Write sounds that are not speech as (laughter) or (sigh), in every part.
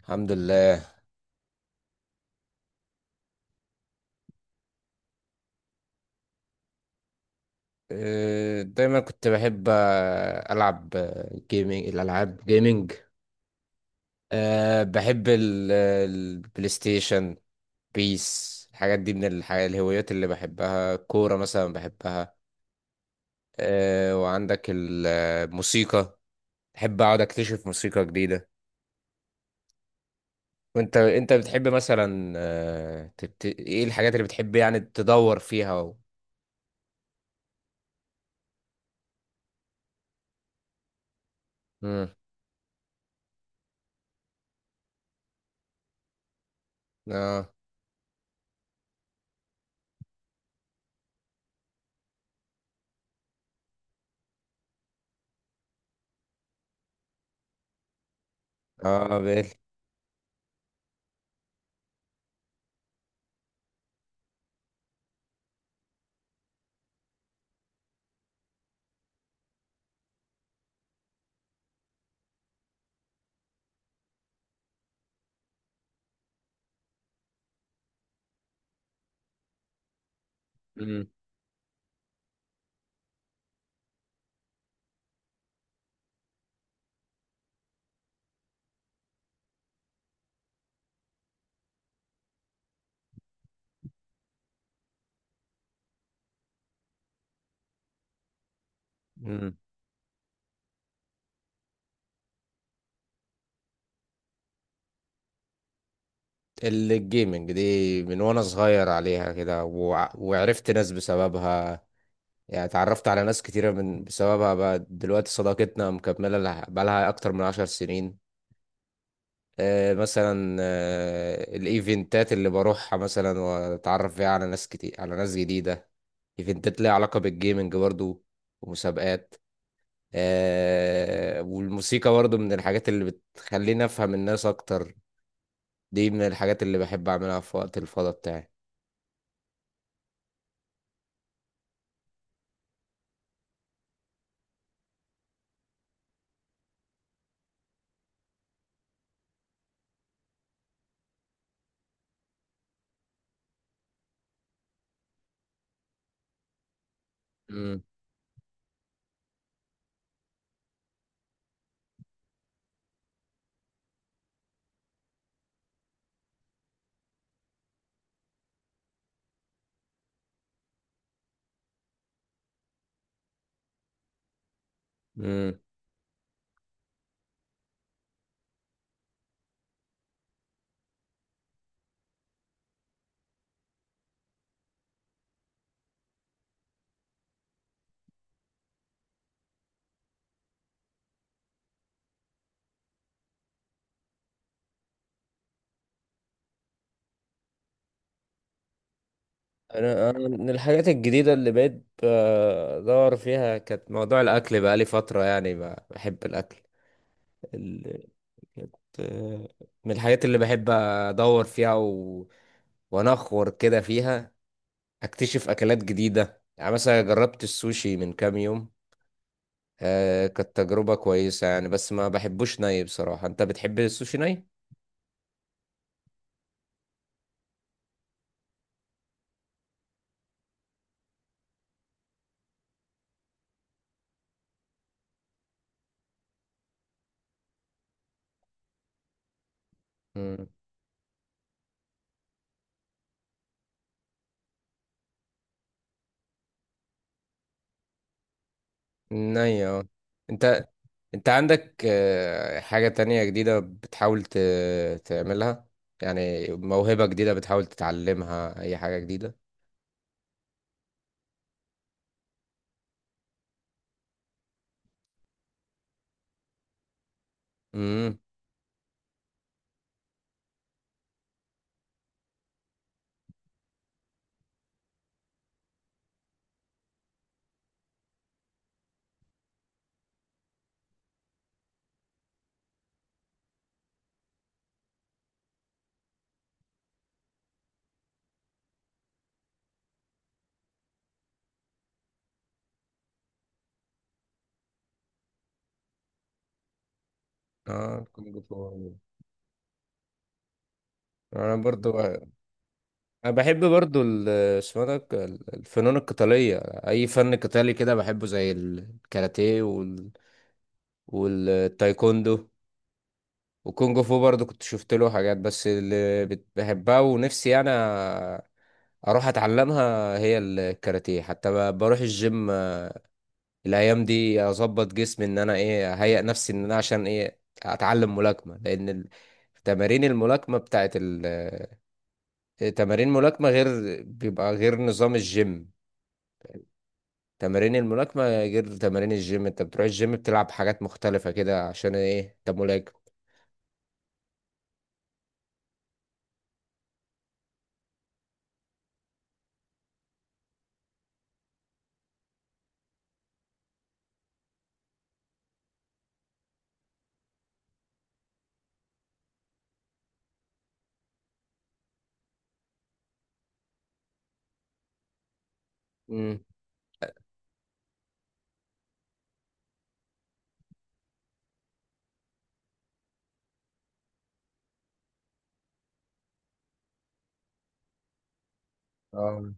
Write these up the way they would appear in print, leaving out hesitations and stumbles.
الحمد لله. دايما كنت بحب، العب جيمنج، الالعاب جيمنج. بحب البلاي ستيشن، بيس. الحاجات دي من الحاجات الهوايات اللي بحبها. كورة مثلا بحبها. وعندك الموسيقى، بحب اقعد اكتشف موسيقى جديدة. وانت بتحب مثلا، ايه الحاجات اللي بتحب يعني تدور فيها و...؟ مم. اه. اه مم. مم. الجيمنج دي من وانا صغير عليها كده، وعرفت ناس بسببها. يعني اتعرفت على ناس كتيرة من بسببها، بقى دلوقتي صداقتنا مكملة بقالها أكتر من 10 سنين. مثلا الإيفنتات اللي بروحها مثلا، وأتعرف فيها على ناس كتير، على ناس جديدة. إيفنتات ليها علاقة بالجيمنج برضو، ومسابقات. والموسيقى برضو من الحاجات اللي بتخليني أفهم الناس أكتر. دي من الحاجات اللي بحب أعملها في وقت الفضا بتاعي. مم. انا من الحاجات الجديده اللي بقيت بدور فيها، كانت موضوع الاكل. بقى لي فتره يعني بحب الاكل. ال- كانت، من الحاجات اللي بحب ادور فيها و... وانخور كده فيها، اكتشف اكلات جديده. يعني مثلا جربت السوشي من كام يوم. آه كانت تجربه كويسه يعني، بس ما بحبوش ني بصراحه. انت بتحب السوشي ني؟ مم. ني، اه. انت انت عندك، حاجة تانية جديدة بتحاول تعملها؟ يعني موهبة جديدة بتحاول تتعلمها، اي حاجة جديدة؟ امم. اه كونج فو. انا برضو انا بحب برضو اسمه ده الفنون القتالية. اي فن قتالي كده بحبه، زي الكاراتيه وال... والتايكوندو. وكونج فو برضو كنت شفت له حاجات، بس اللي بحبها ونفسي انا اروح اتعلمها هي الكاراتيه. حتى بروح الجيم الايام دي، اظبط جسمي، ان انا ايه، اهيئ نفسي ان انا عشان ايه اتعلم ملاكمه. لان تمارين الملاكمه بتاعت تمارين الملاكمه غير، بيبقى غير نظام الجيم. تمارين الملاكمه غير تمارين الجيم. انت بتروح الجيم بتلعب حاجات مختلفه كده عشان ايه؟ انت ملاكم. امم. اه.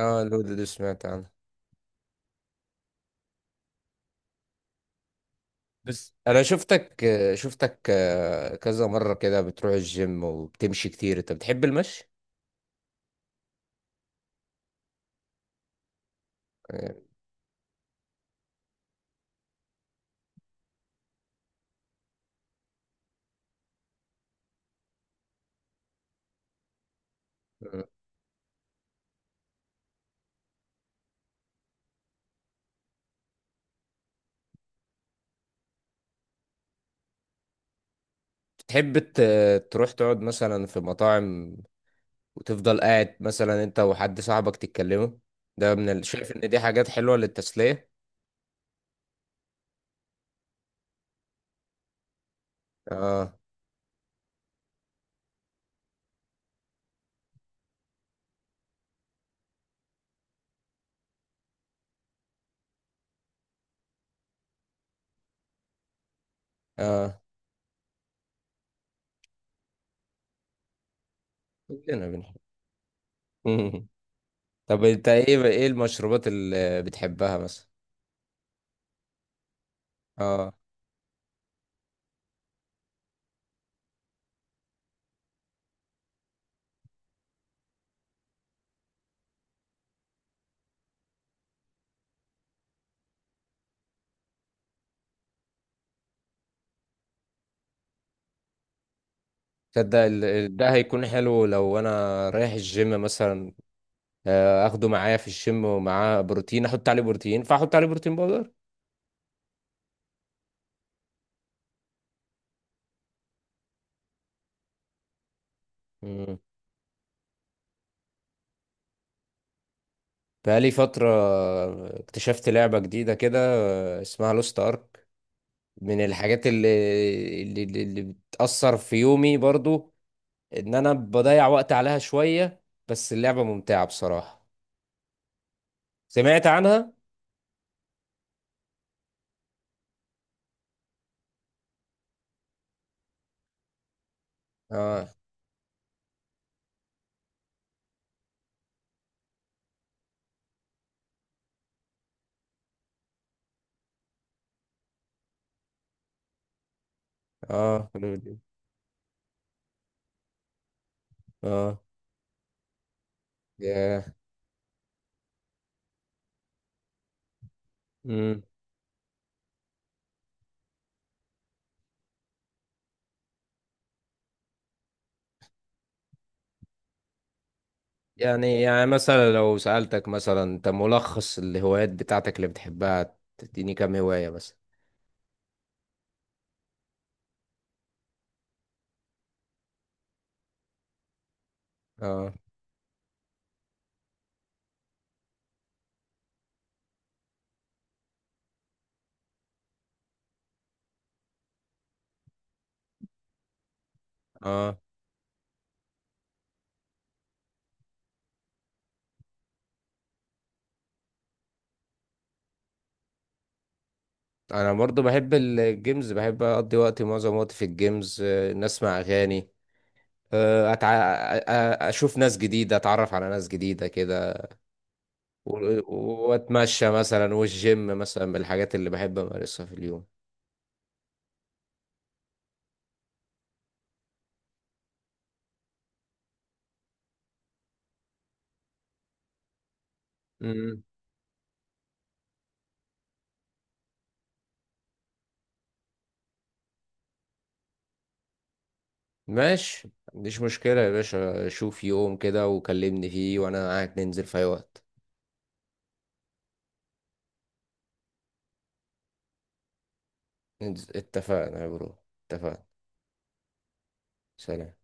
اه لودو دي سمعت عنه. بس انا شفتك، شفتك كذا مره كده بتروح الجيم وبتمشي كتير. انت بتحب المشي؟ تحب تروح تقعد مثلا في مطاعم، وتفضل قاعد مثلا انت وحد صاحبك تتكلموا؟ ده من ال... شايف ان دي حاجات حلوة للتسلية. اه. اه كلنا بنحب. (laughs) طب انت ايه، ايه المشروبات اللي بتحبها مثلا؟ اه. تصدق ده هيكون حلو لو انا رايح الجيم مثلا، اخده معايا في الجيم، ومعاه بروتين، احط عليه بروتين، فاحط عليه بروتين باودر. مم. بقالي فترة اكتشفت لعبة جديدة كده، اسمها لوست ارك. من الحاجات اللي بتأثر في يومي برضو، ان انا بضيع وقت عليها شوية، بس اللعبة ممتعة بصراحة. سمعت عنها؟ اه. اه حلو دي. اه. ياه. امم. يعني مثلا لو سألتك مثلا انت ملخص الهوايات بتاعتك اللي بتحبها، تديني كام هواية مثلا؟ اه. اه. انا برضو بحب الجيمز، بحب اقضي وقتي، معظم وقتي في الجيمز، ان اسمع اغاني، آه، أتع... اشوف ناس جديده، اتعرف على ناس جديده كده، و... واتمشى مثلا، والجيم مثلا من الحاجات اللي بحب امارسها في اليوم. امم. ماشي، ما عنديش مشكله يا باشا. شوف يوم كده وكلمني فيه، وانا معاك ننزل في اي وقت. ننزل، اتفقنا يا برو. اتفقنا. سلام.